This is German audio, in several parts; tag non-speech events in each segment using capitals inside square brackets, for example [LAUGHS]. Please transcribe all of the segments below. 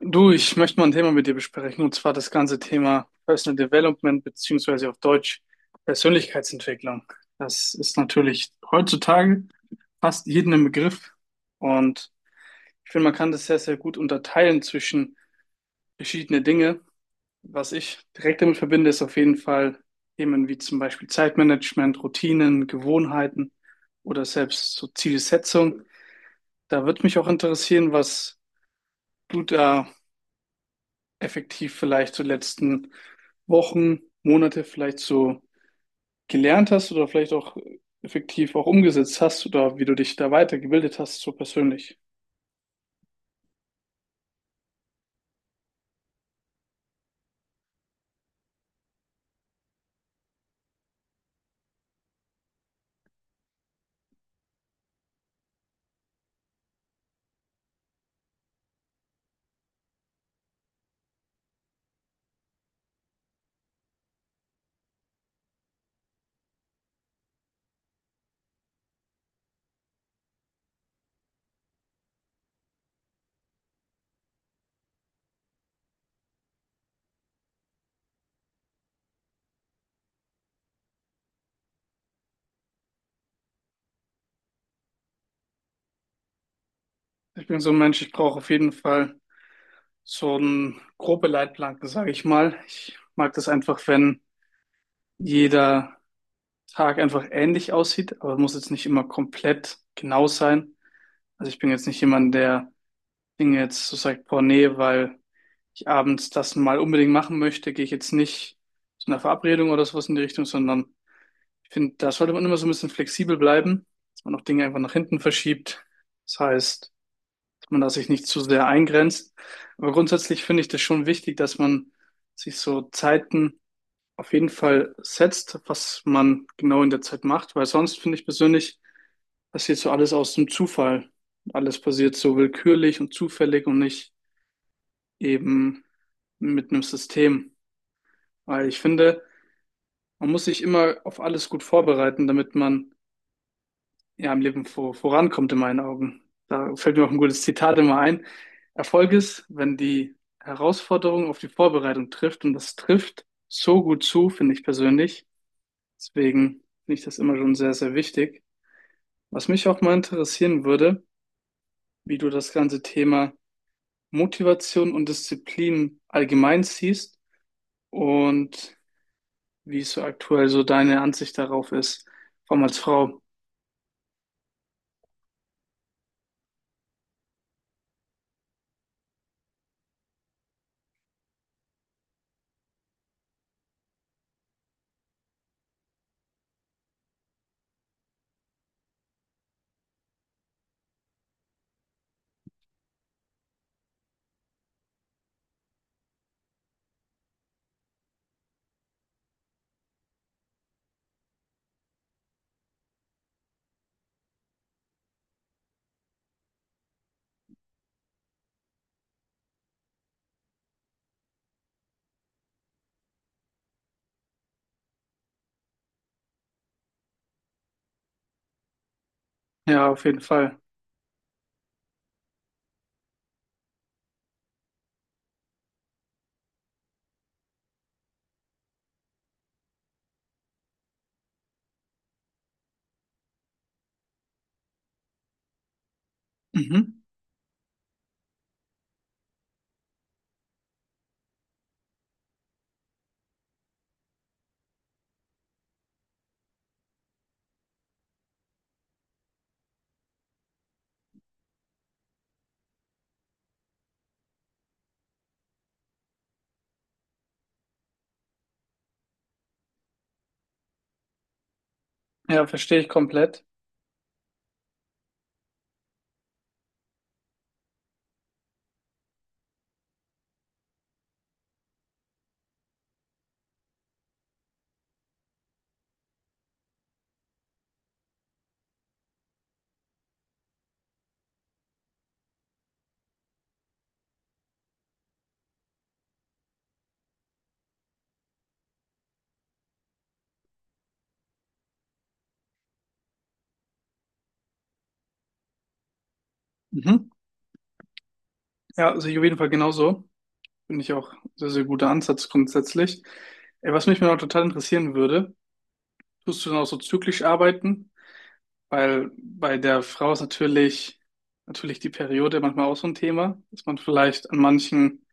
Du, ich möchte mal ein Thema mit dir besprechen, und zwar das ganze Thema Personal Development beziehungsweise auf Deutsch Persönlichkeitsentwicklung. Das ist natürlich heutzutage fast jedem ein Begriff und ich finde, man kann das sehr, sehr gut unterteilen zwischen verschiedene Dinge. Was ich direkt damit verbinde, ist auf jeden Fall Themen wie zum Beispiel Zeitmanagement, Routinen, Gewohnheiten oder selbst so Zielsetzung. Da würde mich auch interessieren, was du da effektiv vielleicht so letzten Wochen, Monate vielleicht so gelernt hast oder vielleicht auch effektiv auch umgesetzt hast oder wie du dich da weitergebildet hast, so persönlich? Ich bin so ein Mensch, ich brauche auf jeden Fall so einen grobe Leitplanken, sage ich mal. Ich mag das einfach, wenn jeder Tag einfach ähnlich aussieht, aber muss jetzt nicht immer komplett genau sein. Also ich bin jetzt nicht jemand, der Dinge jetzt so sagt, boah, nee, weil ich abends das mal unbedingt machen möchte, gehe ich jetzt nicht zu einer Verabredung oder sowas in die Richtung, sondern ich finde, da sollte man immer so ein bisschen flexibel bleiben, dass man auch Dinge einfach nach hinten verschiebt. Das heißt, dass man da sich nicht zu sehr eingrenzt. Aber grundsätzlich finde ich das schon wichtig, dass man sich so Zeiten auf jeden Fall setzt, was man genau in der Zeit macht, weil sonst finde ich persönlich, passiert so alles aus dem Zufall. Alles passiert so willkürlich und zufällig und nicht eben mit einem System. Weil ich finde, man muss sich immer auf alles gut vorbereiten, damit man ja im Leben vorankommt, in meinen Augen. Da fällt mir auch ein gutes Zitat immer ein. Erfolg ist, wenn die Herausforderung auf die Vorbereitung trifft und das trifft so gut zu, finde ich persönlich. Deswegen finde ich das immer schon sehr, sehr wichtig. Was mich auch mal interessieren würde, wie du das ganze Thema Motivation und Disziplin allgemein siehst und wie es so aktuell so deine Ansicht darauf ist, vor allem als Frau. Ja, auf jeden Fall. Mhm. Ja, verstehe ich komplett. Mhm. Ja, also ich auf jeden Fall genauso. Finde ich auch sehr, sehr guter Ansatz grundsätzlich. Ey, was mich mal total interessieren würde, tust du dann auch so zyklisch arbeiten? Weil bei der Frau ist natürlich die Periode manchmal auch so ein Thema, dass man vielleicht an manchen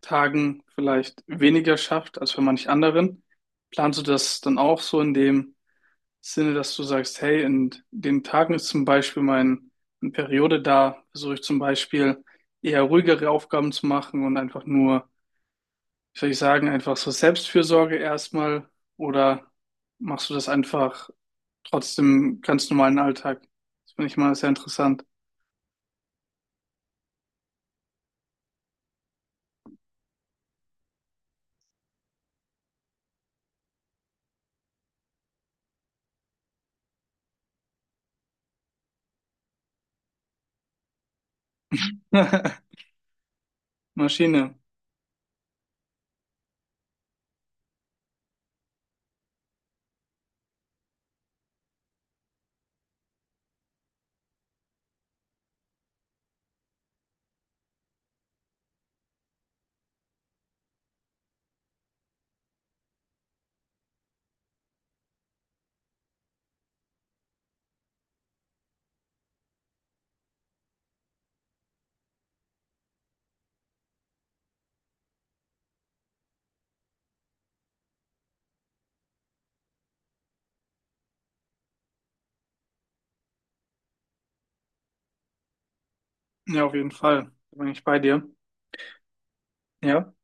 Tagen vielleicht weniger schafft als bei manch anderen. Planst du das dann auch so in dem Sinne, dass du sagst, hey, in den Tagen ist zum Beispiel meine Periode da, versuche ich zum Beispiel eher ruhigere Aufgaben zu machen und einfach nur, wie soll ich sagen, einfach so Selbstfürsorge erstmal oder machst du das einfach trotzdem ganz normalen Alltag? Das finde ich mal sehr interessant. [LAUGHS] Maschine. Ja, auf jeden Fall. Da bin ich bei dir. Ja.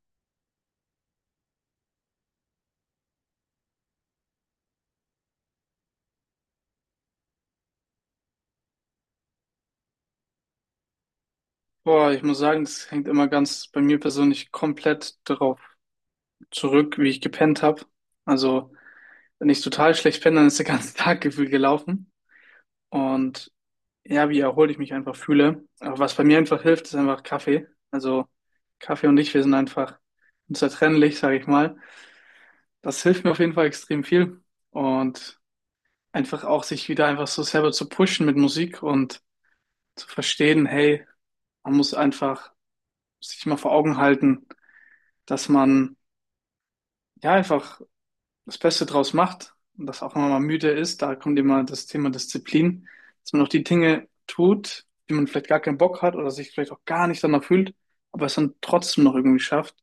Boah, ich muss sagen, das hängt immer ganz bei mir persönlich komplett darauf zurück, wie ich gepennt habe. Also, wenn ich total schlecht bin, dann ist der ganze [LAUGHS] Tag gefühlt gelaufen. Und ja, wie erholt ich mich einfach fühle. Aber was bei mir einfach hilft, ist einfach Kaffee. Also Kaffee und ich, wir sind einfach unzertrennlich, sage ich mal. Das hilft mir auf jeden Fall extrem viel. Und einfach auch sich wieder einfach so selber zu pushen mit Musik und zu verstehen, hey, man muss einfach sich mal vor Augen halten, dass man ja einfach das Beste draus macht und das auch nochmal müde ist, da kommt immer das Thema Disziplin, dass man auch die Dinge tut, die man vielleicht gar keinen Bock hat oder sich vielleicht auch gar nicht danach fühlt, aber es dann trotzdem noch irgendwie schafft.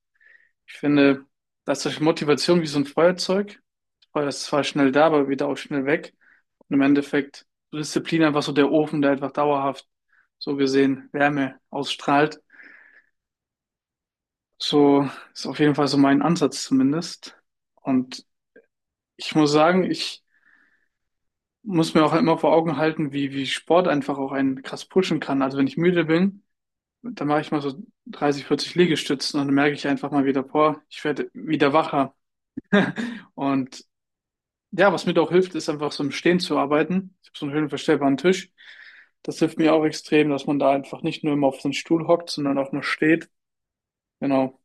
Ich finde, da ist solche Motivation wie so ein Feuerzeug. Das Feuer ist zwar schnell da, aber wieder auch schnell weg. Und im Endeffekt so Disziplin einfach so der Ofen, der einfach dauerhaft so gesehen Wärme ausstrahlt. So ist auf jeden Fall so mein Ansatz zumindest. Und ich muss sagen, ich muss mir auch immer vor Augen halten, wie Sport einfach auch einen krass pushen kann. Also wenn ich müde bin, dann mache ich mal so 30, 40 Liegestützen und dann merke ich einfach mal wieder, boah, ich werde wieder wacher. Und ja, was mir da auch hilft, ist einfach so im Stehen zu arbeiten. Ich habe so einen höhenverstellbaren Tisch. Das hilft mir auch extrem, dass man da einfach nicht nur immer auf so einen Stuhl hockt, sondern auch mal steht. Genau.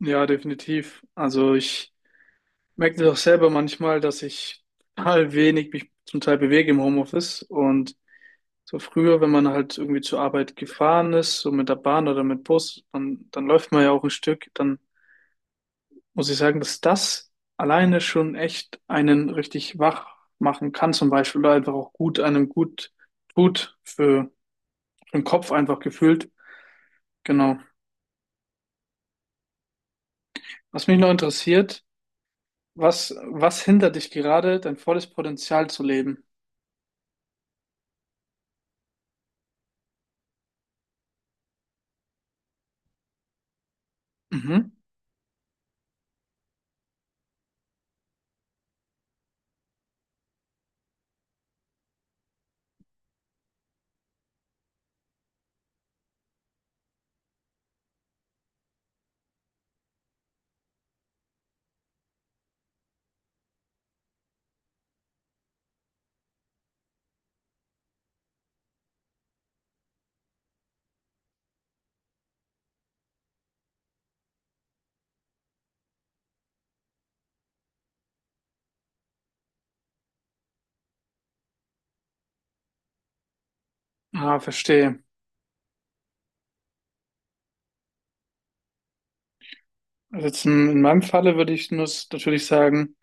Ja, definitiv. Also ich merke das auch selber manchmal, dass ich total wenig mich zum Teil bewege im Homeoffice und so früher, wenn man halt irgendwie zur Arbeit gefahren ist, so mit der Bahn oder mit Bus, dann läuft man ja auch ein Stück, dann muss ich sagen, dass das alleine schon echt einen richtig wach machen kann, zum Beispiel, oder einfach auch gut einem gut tut für den Kopf einfach gefühlt. Genau. Was mich noch interessiert, was hindert dich gerade, dein volles Potenzial zu leben? Mhm. Ah, verstehe. Also jetzt in meinem Falle würde ich nur natürlich sagen,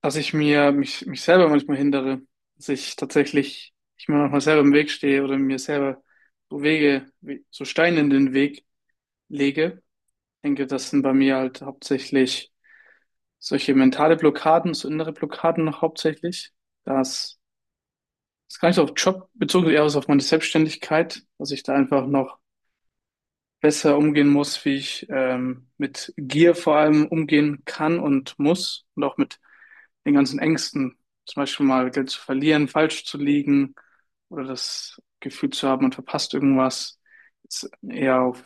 dass ich mich selber manchmal hindere, dass ich tatsächlich, ich mir manchmal selber im Weg stehe oder mir selber so so Steine in den Weg lege. Ich denke, das sind bei mir halt hauptsächlich solche mentale Blockaden, so innere Blockaden noch hauptsächlich. Das ist gar nicht so auf Job bezogen, eher so auf meine Selbstständigkeit, dass ich da einfach noch besser umgehen muss, wie ich mit Gier vor allem umgehen kann und muss und auch mit den ganzen Ängsten, zum Beispiel mal Geld zu verlieren, falsch zu liegen oder das Gefühl zu haben, man verpasst irgendwas. Jetzt eher auf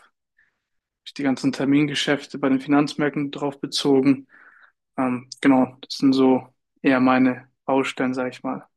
die ganzen Termingeschäfte bei den Finanzmärkten drauf bezogen. Genau, das sind so eher meine Baustellen, sage ich mal.